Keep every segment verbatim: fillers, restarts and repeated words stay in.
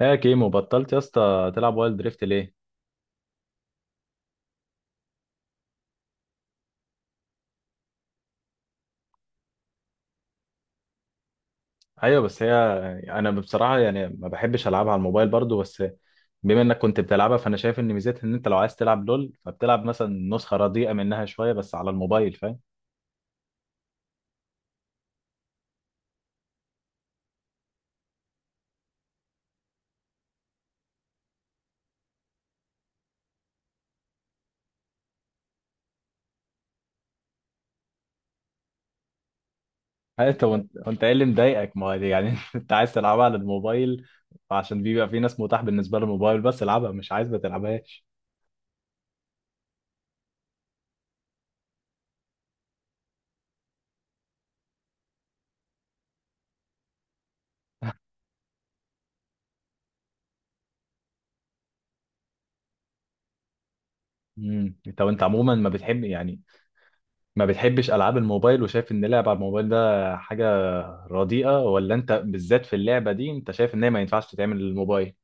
هي كيمو بطلت يا اسطى تلعب وايلد دريفت ليه؟ ايوه بس هي، يعني انا بصراحه يعني ما بحبش العبها على الموبايل برضو. بس بما انك كنت بتلعبها، فانا شايف ان ميزتها ان انت لو عايز تلعب لول فبتلعب مثلا نسخه رديئه منها شويه بس على الموبايل، فاهم؟ ها، انت وانت وانت ايه اللي مضايقك؟ ما هو يعني انت عايز تلعبها على الموبايل عشان بيبقى في ناس متاح بالنسبه للموبايل بس، العبها، مش عايز ما تلعبهاش. امم انت وانت عموما ما بتحب، يعني ما بتحبش العاب الموبايل، وشايف ان لعب على الموبايل ده حاجه رديئة، ولا انت بالذات في اللعبة دي انت شايف ان هي ما ينفعش تتعمل للموبايل؟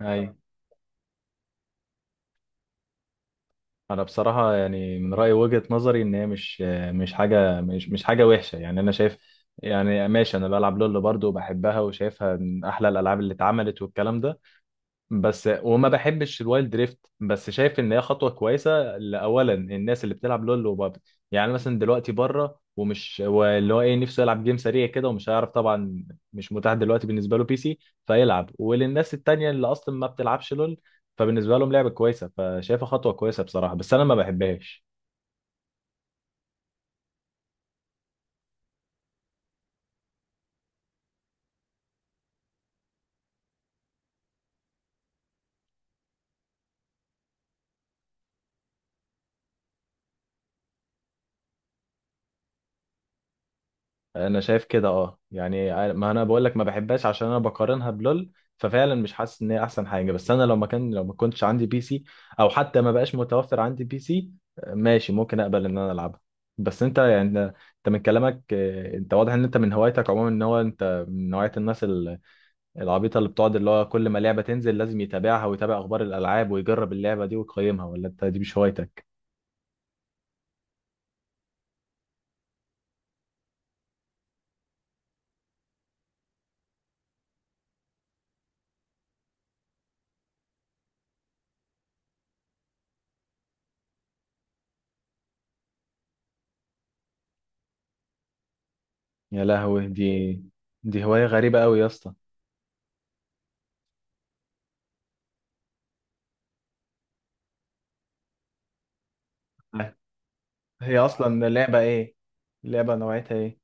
اي انا بصراحة يعني من رأيي وجهة نظري ان هي مش مش حاجة مش مش حاجة وحشة، يعني انا شايف، يعني ماشي انا بلعب لول برضه وبحبها وشايفها من احلى الالعاب اللي اتعملت والكلام ده، بس وما بحبش الوايلد دريفت. بس شايف ان هي خطوه كويسه لاولا الناس اللي بتلعب لول وبابجي، يعني مثلا دلوقتي بره ومش واللي هو ايه نفسه يلعب جيم سريع كده ومش هيعرف طبعا، مش متاح دلوقتي بالنسبه له بي سي، فيلعب. وللناس التانيه اللي اصلا ما بتلعبش لول، فبالنسبه لهم لعبه كويسه، فشايفها خطوه كويسه بصراحه، بس انا ما بحبهاش. انا شايف كده اه، يعني ما انا بقول لك ما بحبهاش عشان انا بقارنها بلول، ففعلا مش حاسس ان هي احسن حاجه. بس انا لو ما كان لو ما كنتش عندي بي سي، او حتى ما بقاش متوفر عندي بي سي، ماشي ممكن اقبل ان انا العبها. بس انت يعني انت من كلامك آه، انت واضح ان انت من هوايتك عموما ان هو انت من نوعيه الناس ال- العبيطه اللي بتقعد، اللي هو كل ما لعبه تنزل لازم يتابعها ويتابع اخبار الالعاب ويجرب اللعبه دي ويقيمها، ولا انت دي مش هوايتك؟ يا لهوي، دي دي هوايه غريبه قوي يا اسطى. هي اصلا اللعبه ايه؟ اللعبه نوعيتها ايه؟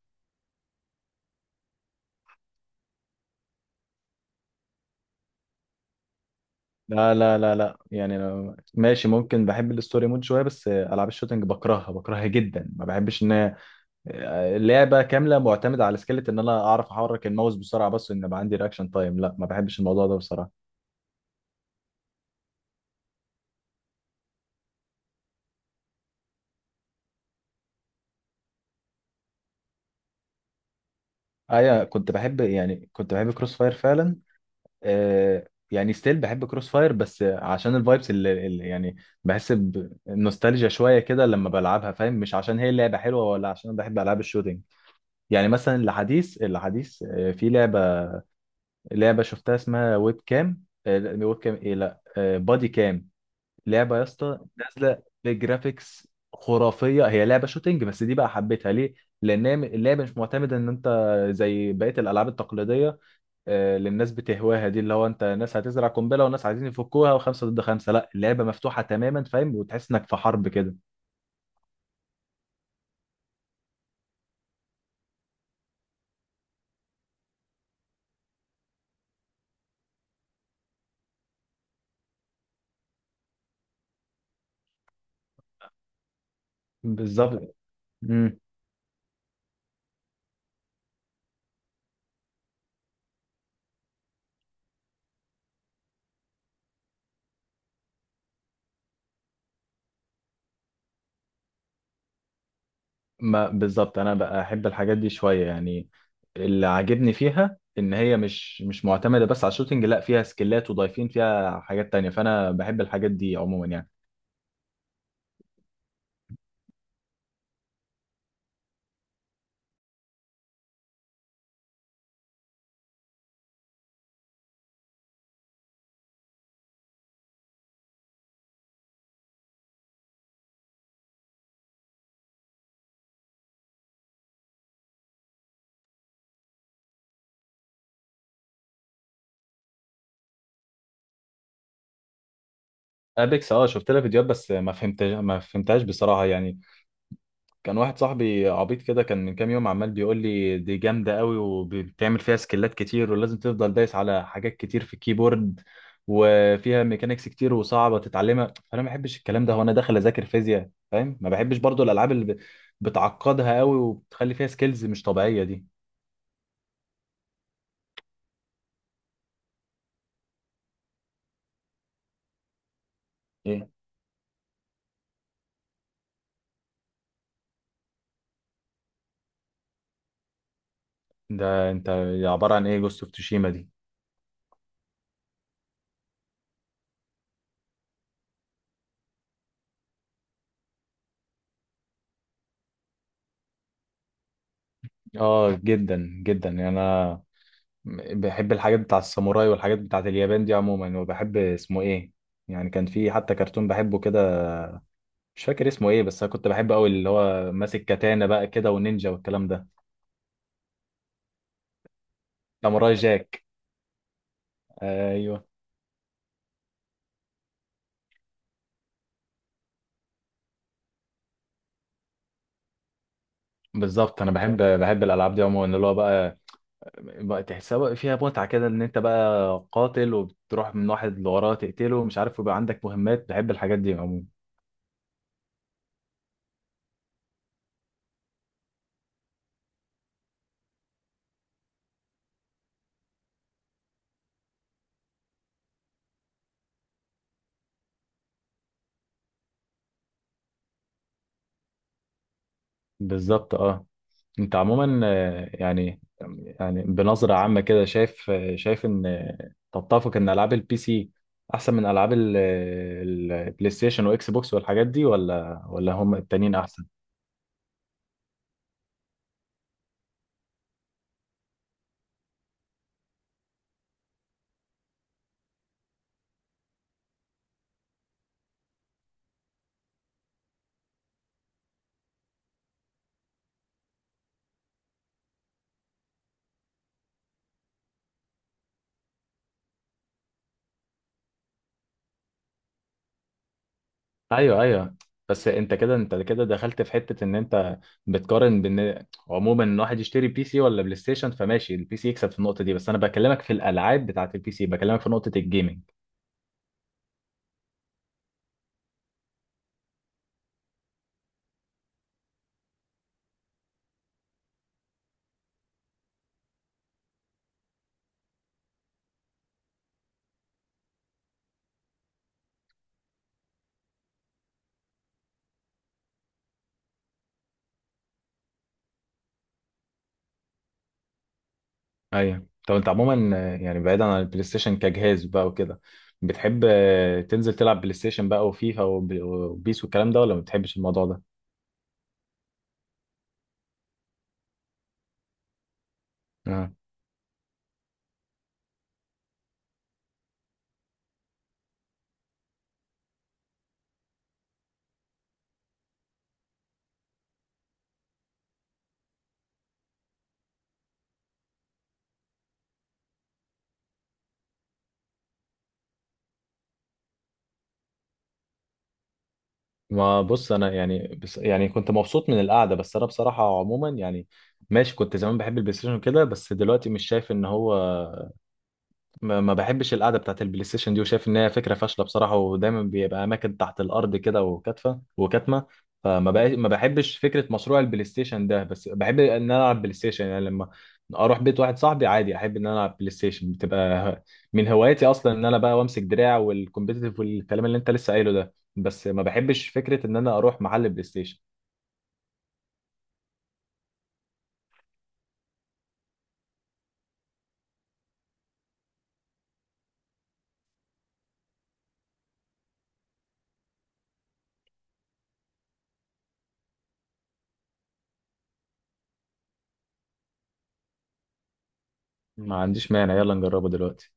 لا لا لا لا، يعني أنا- ماشي ممكن بحب الستوري مود شويه، بس العاب الشوتنج بكرهها بكرهها جدا، ما بحبش ان هي- اللعبه كامله معتمده على سكيلت ان انا اعرف احرك الماوس بسرعه، بس ان يبقى عندي رياكشن تايم، لا ما بحبش الموضوع ده بصراحه. ايوه كنت بحب، يعني كنت بحب كروس فاير فعلا. آه يعني ستيل بحب كروس فاير، بس عشان الفايبس اللي, اللي يعني بحس بنوستالجيا شويه كده لما بلعبها، فاهم؟ مش عشان هي اللعبه حلوه، ولا عشان أنا بحب العاب الشوتنج. يعني مثلا الحديث الحديث آه، في لعبة، لعبة شفتها اسمها ويب كام، آه، لا، ويب كام ايه لا آه، بادي كام. لعبة يا اسطى نازلة بجرافيكس خرافية، هي لعبة شوتينج، بس دي بقى حبيتها ليه؟ لأن هي اللعبة مش معتمدة إن أنت زي بقية الألعاب التقليدية آه، اللي الناس بتهواها دي، اللي هو أنت ناس هتزرع قنبلة وناس عايزين يفكوها وخمسة ضد خمسة. لا، اللعبة مفتوحة تماما، فاهم؟ وتحس إنك في حرب كده. بالظبط. مم. ما بالظبط انا بقى احب الحاجات دي شويه، يعني اللي عاجبني فيها ان هي مش مش معتمده بس على الشوتينج، لا فيها سكيلات، وضايفين فيها حاجات تانية، فانا بحب الحاجات دي عموما يعني. ابيكس، اه شفت لها فيديوهات، بس ما فهمت ما فهمتهاش بصراحه يعني. كان واحد صاحبي عبيط كده كان من كام يوم عمال بيقول لي دي جامدة قوي، وبتعمل فيها سكيلات كتير، ولازم تفضل دايس على حاجات كتير في الكيبورد، وفيها ميكانيكس كتير وصعبة تتعلمها. فأنا ما بحبش الكلام ده، هو أنا داخل أذاكر فيزياء؟ فاهم؟ ما بحبش برضو الألعاب اللي ب- بتعقدها قوي وبتخلي فيها سكيلز مش طبيعية دي. إيه؟ ده أنت عبارة عن إيه جوست أوف توشيما دي؟ آه جدا جدا، يعني أنا بحب الحاجات بتاع الساموراي والحاجات بتاعت اليابان دي عموما، وبحب اسمه ايه، يعني كان في حتى كرتون بحبه كده، مش فاكر اسمه ايه، بس انا كنت بحبه قوي، اللي هو ماسك كاتانا بقى كده ونينجا والكلام ده. ساموراي جاك، ايوه بالظبط. انا بحب بحب الالعاب دي عموما، اللي هو بقى، بقى تحسها بقى فيها متعه كده، ان انت بقى قاتل وبتروح من واحد لوراه تقتله مش عارف، ويبقى عندك مهمات، بحب الحاجات دي عموما. بالظبط اه. انت عموما آه، يعني يعني بنظرة عامة كده شايف، آه، شايف ان آه، تتفق ان العاب البي سي احسن من العاب ال- ال- البلاي ستيشن واكس بوكس والحاجات دي، ولا ولا هم التانيين احسن؟ ايوه ايوه. بس انت كده، انت كده دخلت في حتة ان انت بتقارن بان عموما ان واحد يشتري بي سي ولا بلاي ستيشن، فماشي البي سي يكسب في النقطة دي، بس انا بكلمك في الالعاب بتاعت البي سي، بكلمك في نقطة الجيمنج. ايوه طب انت عموما آه، يعني بعيدا عن البلاي ستيشن كجهاز بقى وكده، بتحب آه، تنزل تلعب بلاي ستيشن بقى وفيفا وب- وبيس والكلام ده، ولا ما بتحبش الموضوع ده؟ اه ما بص، انا يعني بس يعني كنت مبسوط من القعده، بس انا بصراحه عموما يعني، ماشي كنت زمان بحب البلاي ستيشن كده، بس دلوقتي مش شايف ان هو، ما ما بحبش القعده بتاعت البلاي ستيشن دي، وشايف ان هي فكره فاشله بصراحه، ودايما بيبقى اماكن تحت الارض كده وكاتفه وكاتمه. فما بقى ما بحبش فكره مشروع البلاي ستيشن ده، بس بحب ان انا العب بلاي ستيشن، يعني لما اروح بيت واحد صاحبي عادي احب ان انا العب بلاي ستيشن، بتبقى من هواياتي اصلا ان انا بقى وامسك دراع، والكومبيتيتيف والكلام اللي انت لسه قايله ده، بس ما بحبش فكره ان انا اروح محل بلاي ستيشن. ما عنديش مانع، يلا نجربه دلوقتي.